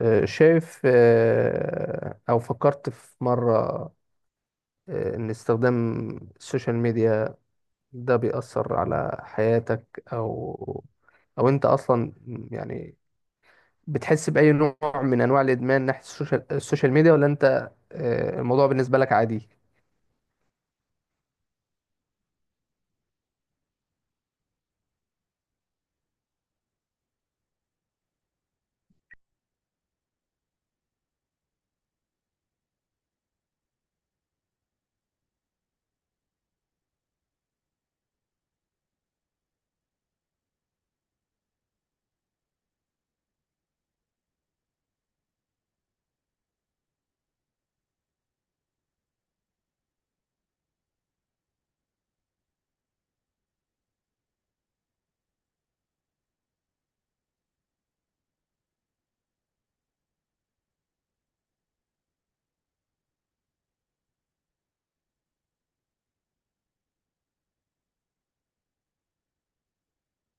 شايف، أو فكرت في مرة إن استخدام السوشيال ميديا ده بيأثر على حياتك، أو أنت أصلا، يعني، بتحس بأي نوع من أنواع الإدمان ناحية السوشيال ميديا، ولا أنت، الموضوع بالنسبة لك عادي؟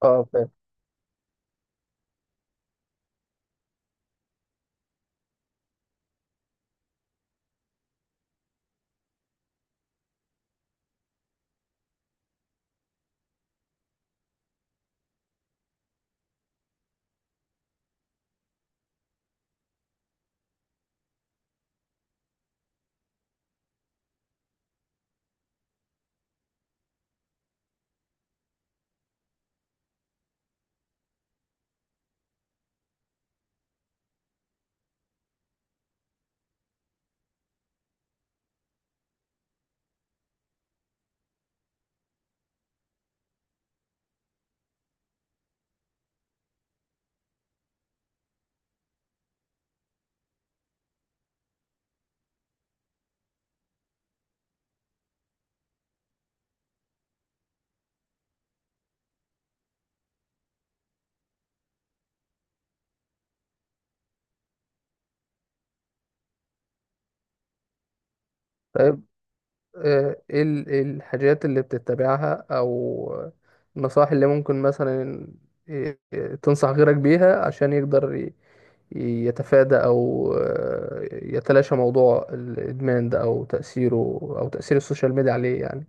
اه، فاهم. طيب، ايه إيه الحاجات اللي بتتبعها، او النصائح اللي ممكن مثلا آه، تنصح غيرك بيها، عشان يقدر يتفادى أو يتلاشى موضوع الإدمان ده أو تأثيره، أو تأثير السوشيال ميديا عليه، يعني.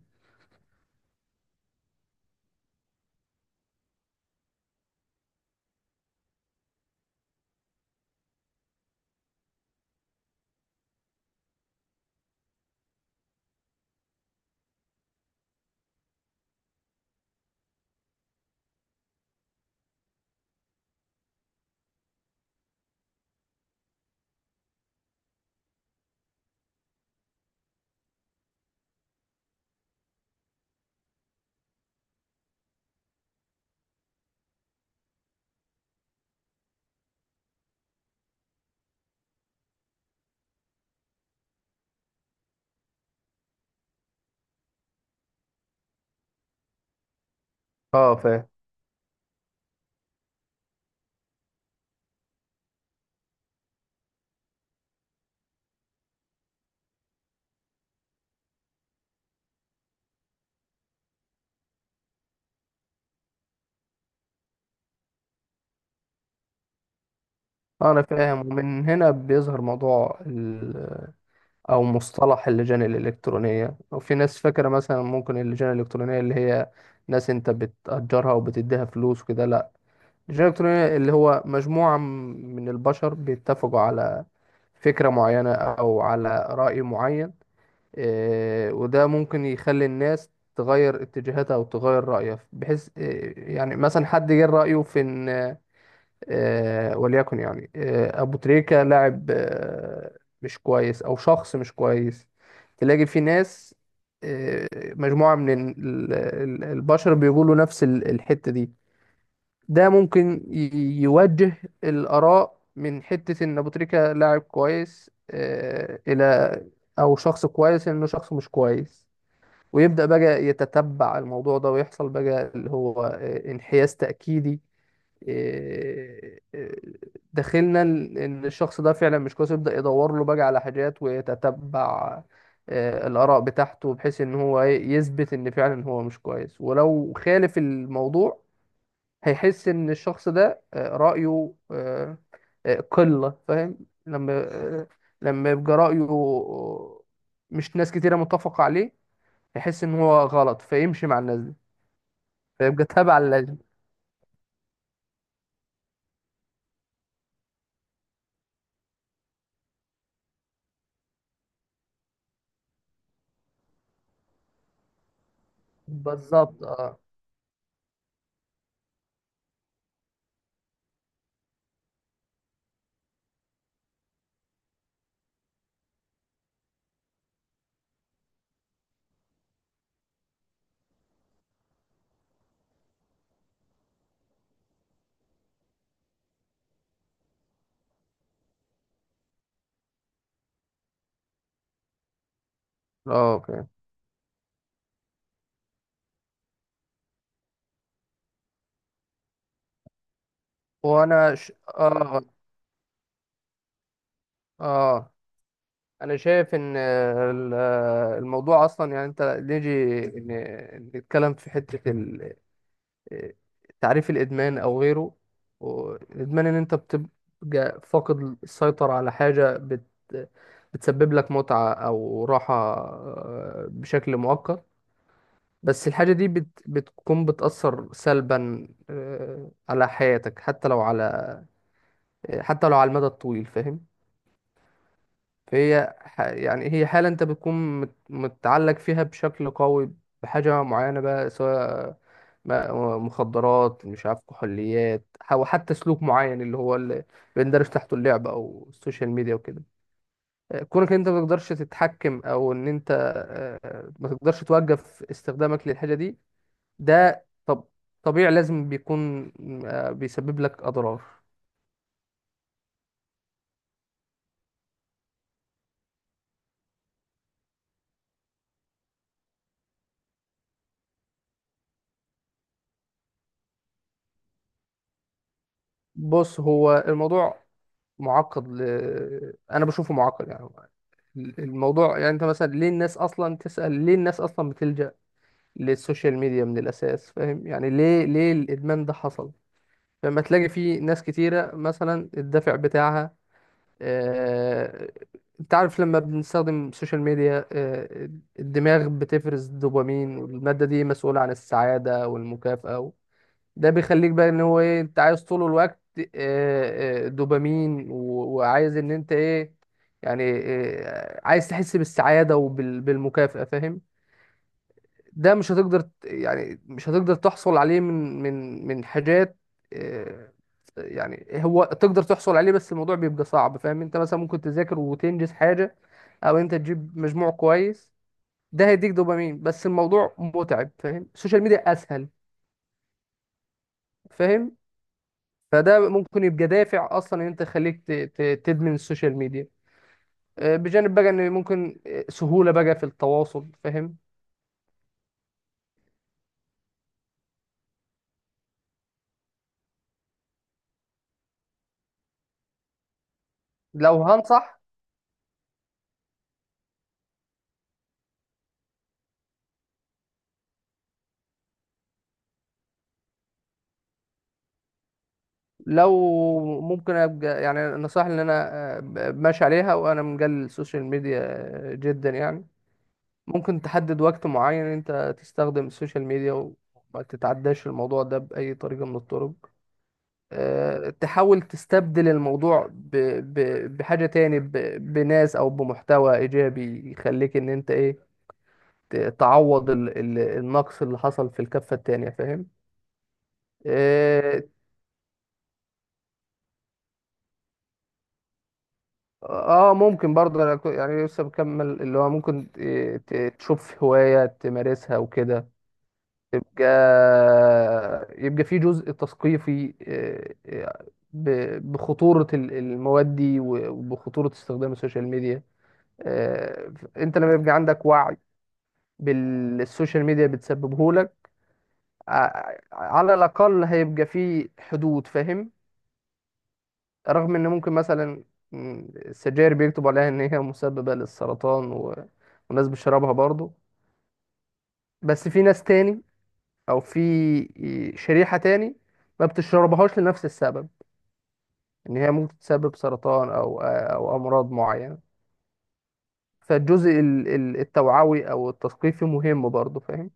اه، فاهم. أنا فاهم، ومن هنا بيظهر موضوع أو مصطلح اللجان الإلكترونية. وفي ناس فاكرة مثلا ممكن اللجان الإلكترونية اللي هي ناس أنت بتأجرها وبتديها فلوس وكده، لأ. اللجان الإلكترونية اللي هو مجموعة من البشر بيتفقوا على فكرة معينة أو على رأي معين. وده ممكن يخلي الناس تغير اتجاهاتها او تغير رأيها، بحيث يعني مثلا حد جه رأيه في ان وليكن، يعني، ابو تريكة لاعب مش كويس، او شخص مش كويس. تلاقي في ناس، مجموعة من البشر بيقولوا نفس الحتة دي. ده ممكن يوجه الآراء من حتة ان ابو تريكة لاعب كويس، الى او شخص كويس، انه شخص مش كويس. ويبدأ بقى يتتبع الموضوع ده، ويحصل بقى اللي هو انحياز تأكيدي. آه، آه، داخلنا ان الشخص ده فعلا مش كويس، يبدأ يدور له بقى على حاجات ويتتبع الآراء بتاعته، بحيث ان هو يثبت ان فعلا هو مش كويس. ولو خالف الموضوع، هيحس ان الشخص ده رأيه قلة فاهم. لما آه، لما يبقى رأيه مش ناس كتيرة متفقة عليه، يحس ان هو غلط، فيمشي مع الناس دي. فيبقى تابع لل بالظبط، اه. اه، اوكي. وانا ش... اه، اه، انا شايف ان الموضوع اصلا، يعني انت نيجي نتكلم في حتة تعريف الادمان او غيره. الادمان ان انت بتبقى فاقد السيطرة على حاجة بتسبب لك متعة او راحة، بشكل مؤقت. بس الحاجة دي بتكون بتأثر سلبا، على حياتك، حتى لو على المدى الطويل، فاهم. يعني هي حالة انت بتكون متعلق فيها بشكل قوي بحاجة معينة بقى، سواء مخدرات، مش عارف، كحوليات، أو حتى سلوك معين، اللي هو اللي بندرج تحته اللعب أو السوشيال ميديا وكده. كونك انت ما تقدرش تتحكم، او ان انت ما تقدرش توقف استخدامك للحاجة دي، ده طبيعي لازم بيكون بيسبب لك اضرار. بص، هو الموضوع معقد، انا بشوفه معقد، يعني. الموضوع يعني انت مثلا، ليه الناس اصلا تسأل، ليه الناس اصلا بتلجأ للسوشيال ميديا من الاساس، فاهم. يعني ليه الادمان ده حصل؟ فما تلاقي في ناس كتيرة مثلا الدافع بتاعها. آه، انت عارف لما بنستخدم السوشيال ميديا، الدماغ بتفرز الدوبامين، والمادة دي مسؤولة عن السعادة والمكافأة. ده بيخليك بقى ان هو ايه، انت عايز طول الوقت دوبامين، وعايز ان انت ايه، يعني، عايز تحس بالسعادة وبالمكافأة، فاهم. ده مش هتقدر يعني مش هتقدر تحصل عليه من حاجات. آه، يعني هو تقدر تحصل عليه، بس الموضوع بيبقى صعب، فاهم. انت مثلا ممكن تذاكر وتنجز حاجة، او انت تجيب مجموع كويس، ده هيديك دوبامين، بس الموضوع متعب، فاهم. السوشيال ميديا اسهل، فاهم. فده ممكن يبقى دافع اصلا، ان انت خليك تدمن السوشيال ميديا، بجانب بقى ان ممكن سهولة بقى في التواصل، فاهم. لو هنصح لو ممكن ابقى، يعني، النصائح اللي انا ماشي عليها وانا مجال السوشيال ميديا جدا، يعني: ممكن تحدد وقت معين انت تستخدم السوشيال ميديا، وما تتعداش الموضوع ده باي طريقة من الطرق. تحاول تستبدل الموضوع بحاجة تاني، بناس او بمحتوى ايجابي يخليك ان انت ايه تعوض النقص اللي حصل في الكفة التانية، فاهم. آه، اه، ممكن برضه، أنا يعني لسه بكمل، اللي هو ممكن تشوف هواية تمارسها وكده. يبقى في جزء تثقيفي، آه، بخطورة المواد دي، وبخطورة استخدام السوشيال ميديا. انت لما يبقى عندك وعي بالسوشيال ميديا بتسببه لك، على الأقل هيبقى في حدود، فاهم. رغم ان ممكن مثلا، السجاير بيكتبوا عليها ان هي مسببة للسرطان، وناس بتشربها برضو. بس في ناس تاني، او في شريحة تاني، ما بتشربهاش لنفس السبب، ان هي ممكن تسبب سرطان او امراض معينة. فالجزء التوعوي او التثقيفي مهم برضو، فاهم.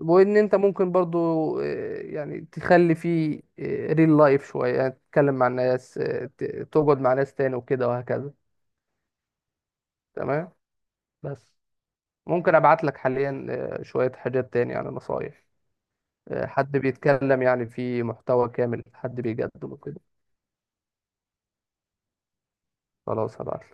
وان انت ممكن برضو يعني تخلي فيه ريل لايف شوية، يعني تتكلم مع الناس، تقعد مع ناس تاني وكده وهكذا. تمام. بس ممكن ابعت لك حاليا شوية حاجات تاني، يعني نصايح، حد بيتكلم يعني في محتوى كامل، حد بيقدمه كده. خلاص، هبعت.